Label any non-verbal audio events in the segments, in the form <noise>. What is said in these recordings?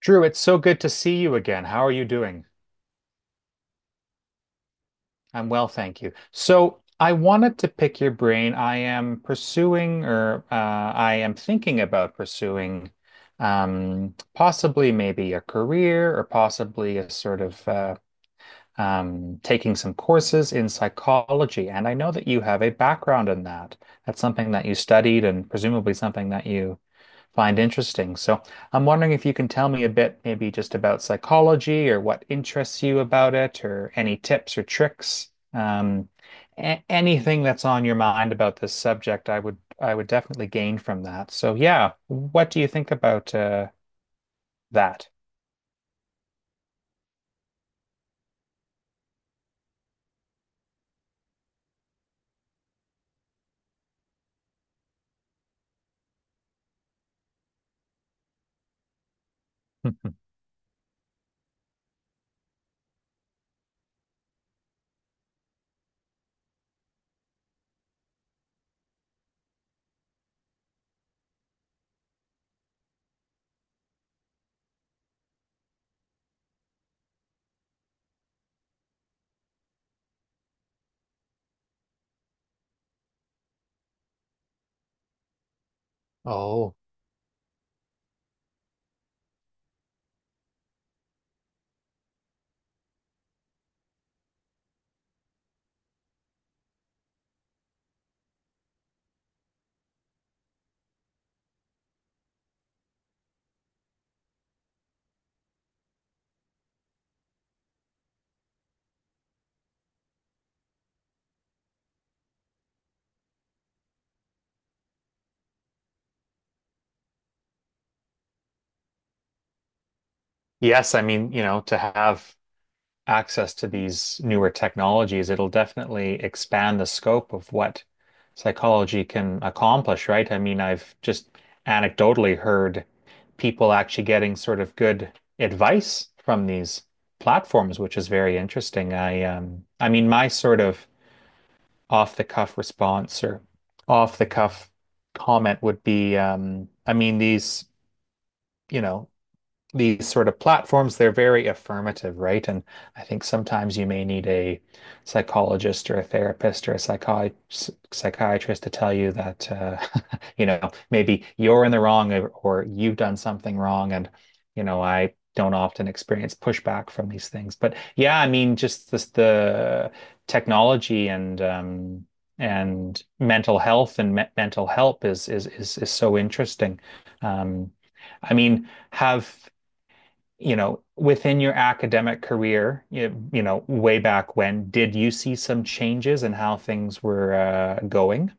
Drew, it's so good to see you again. How are you doing? I'm well, thank you. So, I wanted to pick your brain. I am pursuing, or I am thinking about pursuing, possibly maybe a career or possibly a sort of taking some courses in psychology, and I know that you have a background in that. That's something that you studied and presumably something that you find interesting. So I'm wondering if you can tell me a bit, maybe just about psychology or what interests you about it, or any tips or tricks. Anything that's on your mind about this subject, I would definitely gain from that. So yeah, what do you think about that? <laughs> Oh, yes. I mean, you know, to have access to these newer technologies, it'll definitely expand the scope of what psychology can accomplish, right? I mean, I've just anecdotally heard people actually getting sort of good advice from these platforms, which is very interesting. I mean, my sort of off the cuff response or off the cuff comment would be, I mean, you know, these sort of platforms, they're very affirmative, right? And I think sometimes you may need a psychologist or a therapist or a psychiatrist to tell you that, <laughs> you know, maybe you're in the wrong or you've done something wrong. And, you know, I don't often experience pushback from these things. But yeah, I mean, just this, the technology and mental health and me mental help is so interesting. Um, I mean, have you know, within your academic career, you know, way back when, did you see some changes in how things were going?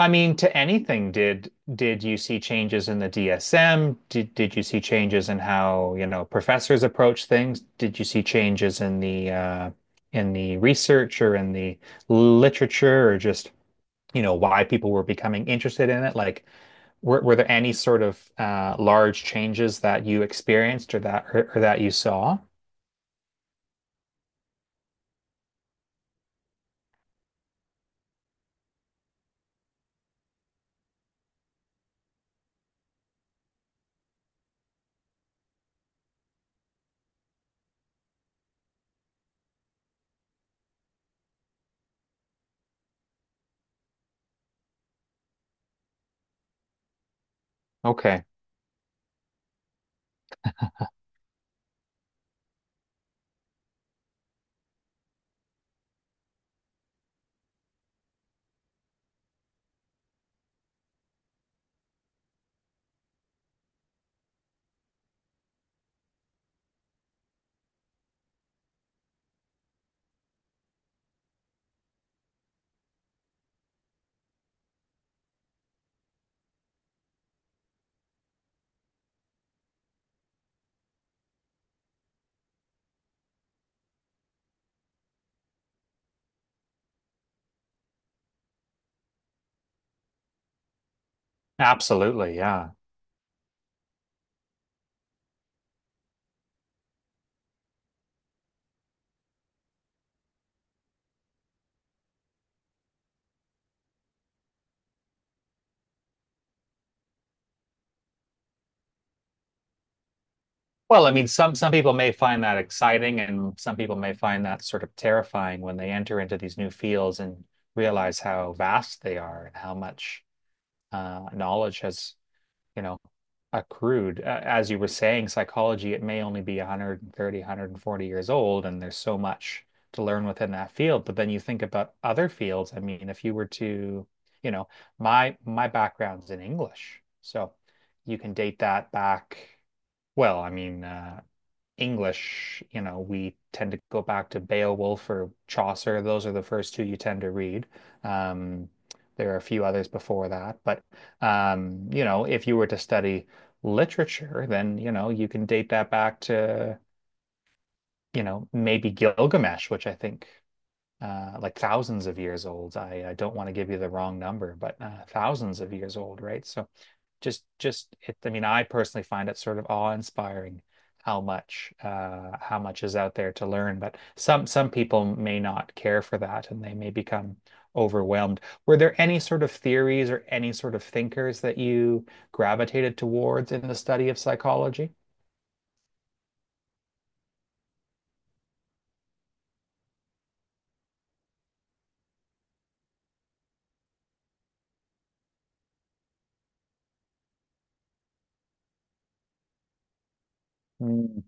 I mean, to anything, did you see changes in the DSM? Did you see changes in how, you know, professors approach things? Did you see changes in the research or in the literature or just, you know, why people were becoming interested in it? Like, were there any sort of large changes that you experienced or or that you saw? Okay. Absolutely, yeah. Well, I mean, some people may find that exciting, and some people may find that sort of terrifying when they enter into these new fields and realize how vast they are and how much knowledge has, you know, accrued. As you were saying, psychology, it may only be 130, 140 years old, and there's so much to learn within that field. But then you think about other fields. I mean, if you were to, you know, my background's in English, so you can date that back. Well, I mean, English, you know, we tend to go back to Beowulf or Chaucer. Those are the first two you tend to read. Um, there are a few others before that, but you know, if you were to study literature, then you know you can date that back to, you know, maybe Gilgamesh, which I think, like, thousands of years old. I don't want to give you the wrong number, but thousands of years old, right? So just it, I mean, I personally find it sort of awe-inspiring how much is out there to learn. But some people may not care for that, and they may become overwhelmed. Were there any sort of theories or any sort of thinkers that you gravitated towards in the study of psychology? Mm.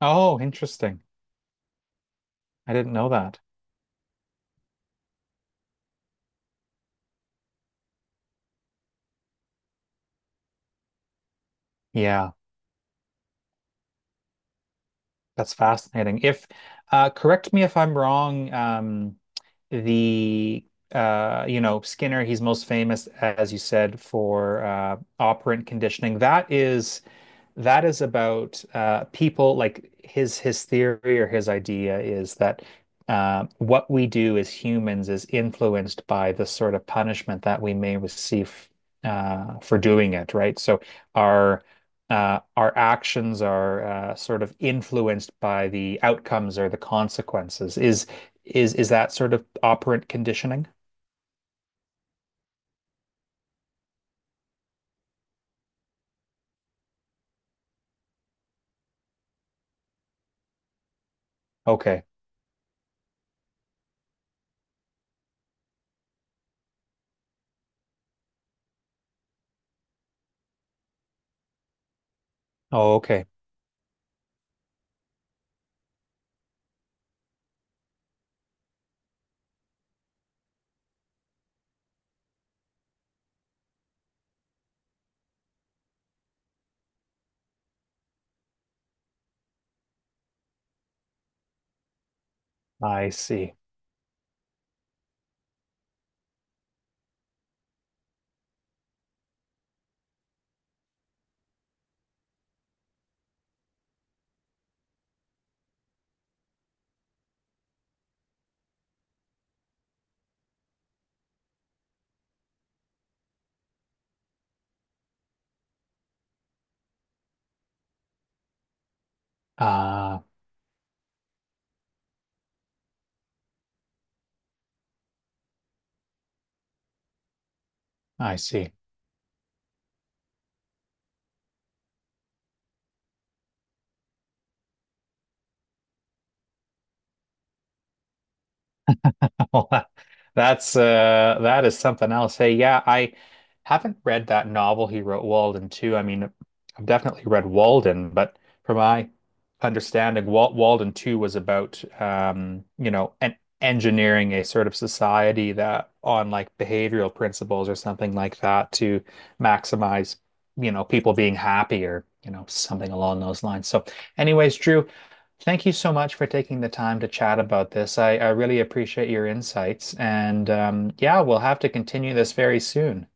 Oh, interesting. I didn't know that. Yeah, that's fascinating. If correct me if I'm wrong, the you know, Skinner, he's most famous, as you said, for operant conditioning. That is about, people like, his theory or his idea is that what we do as humans is influenced by the sort of punishment that we may receive for doing it, right? So our, our actions are, sort of influenced by the outcomes or the consequences. Is that sort of operant conditioning? Okay. Oh, okay. I see. Ah, I see. <laughs> That's that is something else. Hey, yeah, I haven't read that novel he wrote, Walden, Two. I mean, I've definitely read Walden, but from my understanding, Walden 2 was about, you know, an engineering a sort of society that on, like, behavioral principles or something like that to maximize, you know, people being happy or, you know, something along those lines. So, anyways, Drew, thank you so much for taking the time to chat about this. I really appreciate your insights. And yeah, we'll have to continue this very soon.